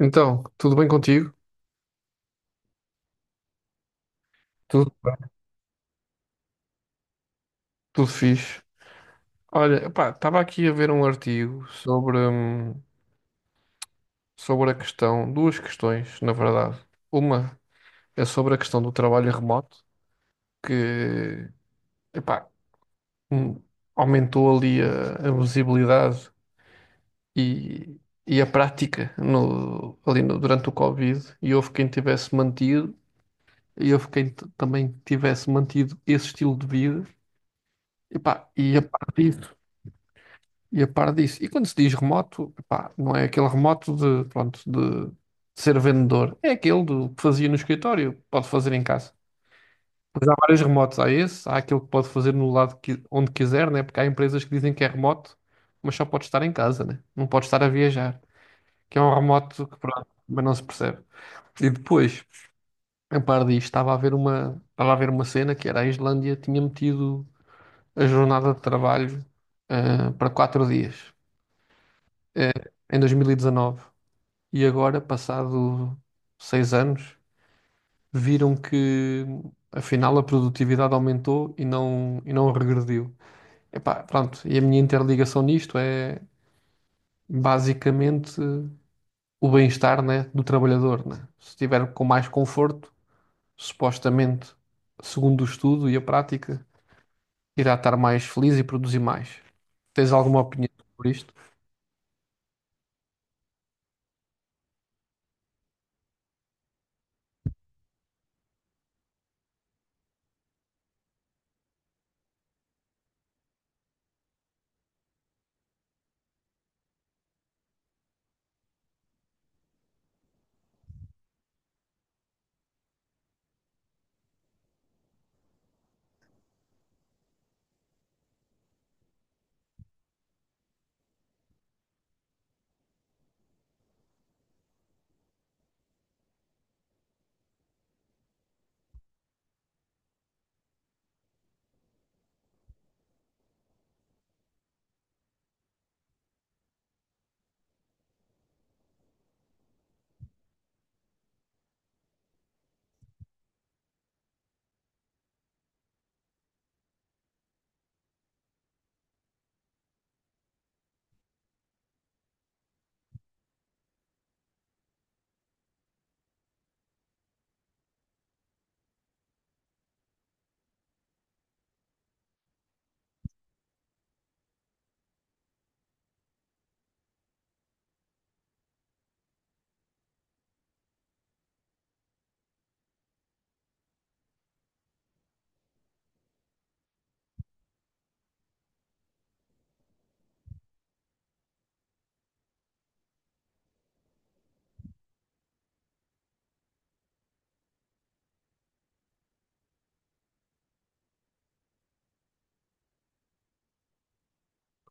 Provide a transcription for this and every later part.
Então, tudo bem contigo? Tudo bem. Tudo fixe. Olha, pá, estava aqui a ver um artigo sobre, sobre a questão, duas questões, na verdade. Uma é sobre a questão do trabalho remoto, que, epá, hum, aumentou ali a visibilidade e, e a prática no, ali no- durante o Covid, e houve quem tivesse mantido, e houve quem também tivesse mantido esse estilo de vida, epá, e a partir disso. E a par disso. E quando se diz remoto, pá, não é aquele remoto de, pronto, de ser vendedor. É aquele do que fazia no escritório, pode fazer em casa. Pois há vários remotos. Há esse, há aquele que pode fazer no lado que, onde quiser, né? Porque há empresas que dizem que é remoto, mas só pode estar em casa, né? Não pode estar a viajar. Que é um remoto que, pronto, mas não se percebe. E depois, a par disto, estava a ver uma cena que era a Islândia tinha metido a jornada de trabalho, para 4 dias, eh, em 2019. E agora, passado 6 anos, viram que afinal a produtividade aumentou e não regrediu. Epá, pronto, e a minha interligação nisto é basicamente o bem-estar, né, do trabalhador, né? Se estiver com mais conforto, supostamente, segundo o estudo e a prática, irá estar mais feliz e produzir mais. Tens alguma opinião sobre isto?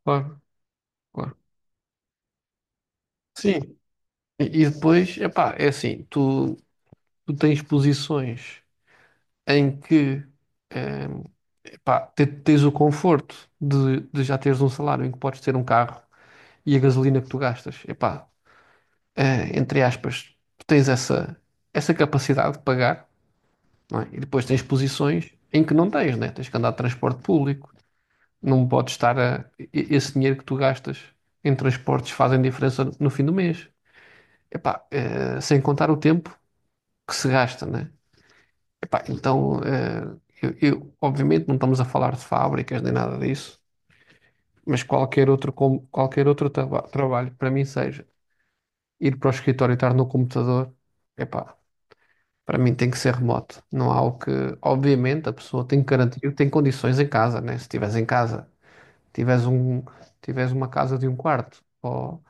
Claro, claro. Sim. E depois, epá, é assim, tu tens posições em que eh, pá, tens o conforto de já teres um salário em que podes ter um carro e a gasolina que tu gastas, epá, entre aspas, tu tens essa capacidade de pagar, não é? E depois tens posições em que não tens, né? Tens que andar de transporte público, não podes estar esse dinheiro que tu gastas em transportes fazem diferença no fim do mês. Epá, sem contar o tempo que se gasta, né? Epá, então, obviamente não estamos a falar de fábricas nem nada disso, mas qualquer outro, qualquer outro trabalho, para mim seja ir para o escritório e estar no computador, epá, para mim tem que ser remoto. Não há o que, obviamente, a pessoa tem que garantir que tem condições em casa, né? Se estiveres em casa, tiveres um, tiveres uma casa de um quarto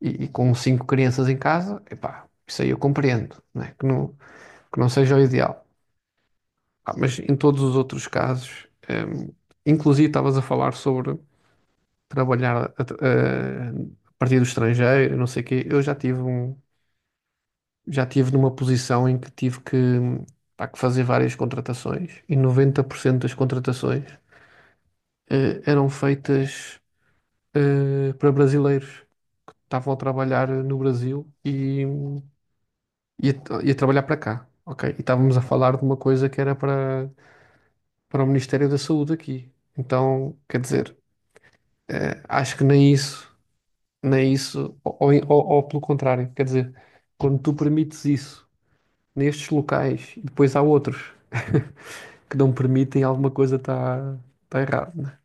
e com 5 crianças em casa, epá, isso aí eu compreendo, né? Que não seja o ideal. Ah, mas em todos os outros casos, inclusive estavas a falar sobre trabalhar a, tra- eh, a partir do estrangeiro, não sei o quê. Eu já tive numa posição em que tive que, pá, que fazer várias contratações e 90% das contratações eram feitas para brasileiros. Estavam a trabalhar no Brasil e a, e a trabalhar para cá, ok? E estávamos a falar de uma coisa que era para o Ministério da Saúde aqui. Então, quer dizer. Acho que nem isso, nem isso, pelo contrário, quer dizer, quando tu permites isso nestes locais e depois há outros que não permitem, alguma coisa está tá errado, né?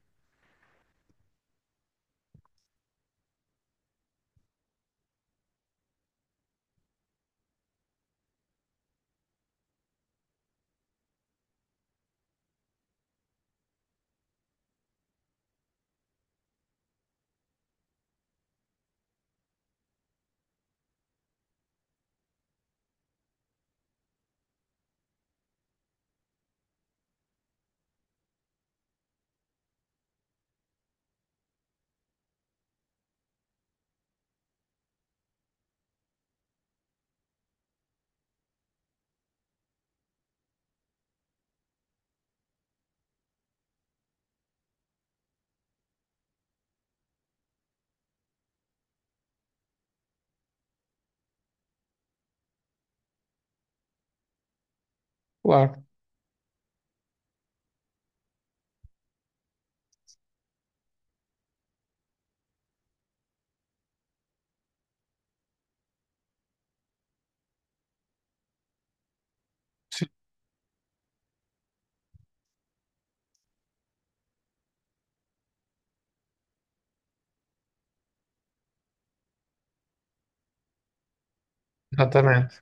Claro, sim, exatamente.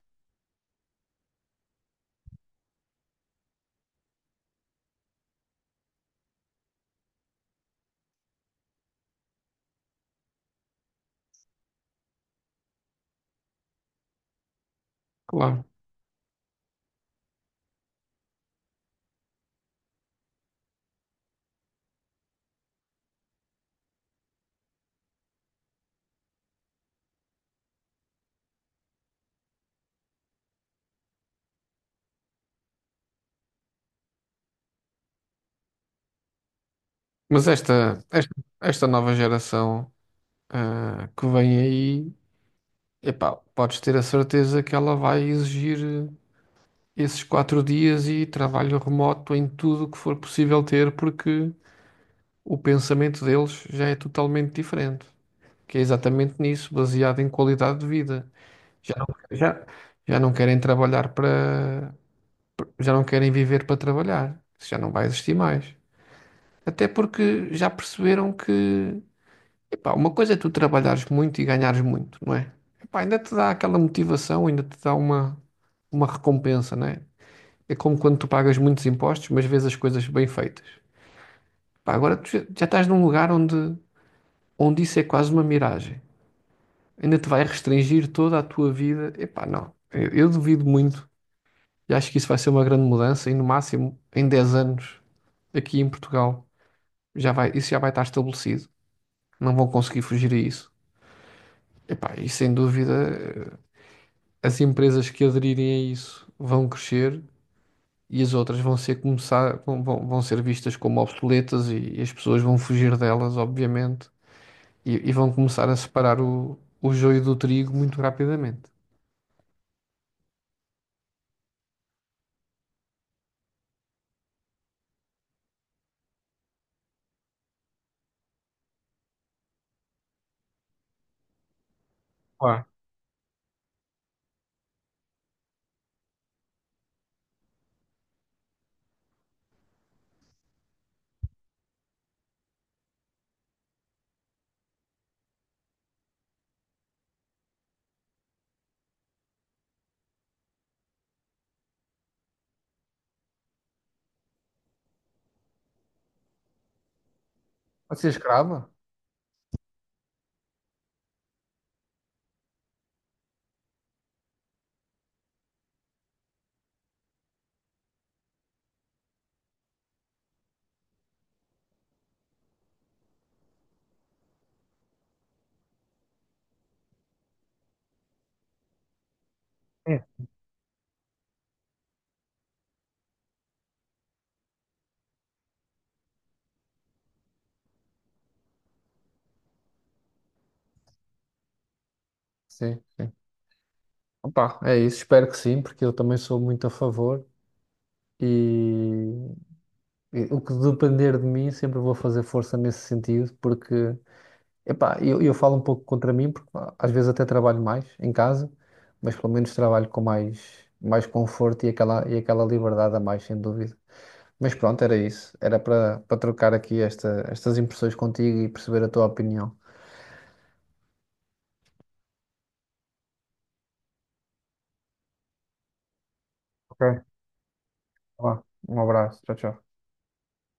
Claro. Mas esta nova geração, que vem aí, epá, podes ter a certeza que ela vai exigir esses quatro dias e trabalho remoto em tudo o que for possível ter, porque o pensamento deles já é totalmente diferente, que é exatamente nisso, baseado em qualidade de vida. Já não, já, já não querem trabalhar já não querem viver para trabalhar. Isso já não vai existir mais. Até porque já perceberam que, epá, uma coisa é tu trabalhares muito e ganhares muito, não é? Epá, ainda te dá aquela motivação, ainda te dá uma recompensa, não é? É como quando tu pagas muitos impostos, mas vês as coisas bem feitas. Pá, agora tu já estás num lugar onde isso é quase uma miragem. Ainda te vai restringir toda a tua vida. Epá, não. Eu duvido muito e acho que isso vai ser uma grande mudança e no máximo em 10 anos aqui em Portugal isso já vai estar estabelecido. Não vão conseguir fugir a isso. Epá, e sem dúvida eh, as empresas que aderirem a isso vão crescer e as outras vão ser começar, vão, vão vão ser vistas como obsoletas e as pessoas vão fugir delas, obviamente, e vão começar a separar o joio do trigo muito rapidamente. Ué, pode ser escrava? Sim, sim. Opa, é isso, espero que sim, porque eu também sou muito a favor e, e o que depender de mim sempre vou fazer força nesse sentido, porque epá, eu falo um pouco contra mim, porque pá, às vezes até trabalho mais em casa, mas pelo menos trabalho com mais conforto e aquela liberdade a mais, sem dúvida. Mas pronto, era isso. Era para trocar aqui estas impressões contigo e perceber a tua opinião. Ok, vá. Um abraço, tchau, tchau.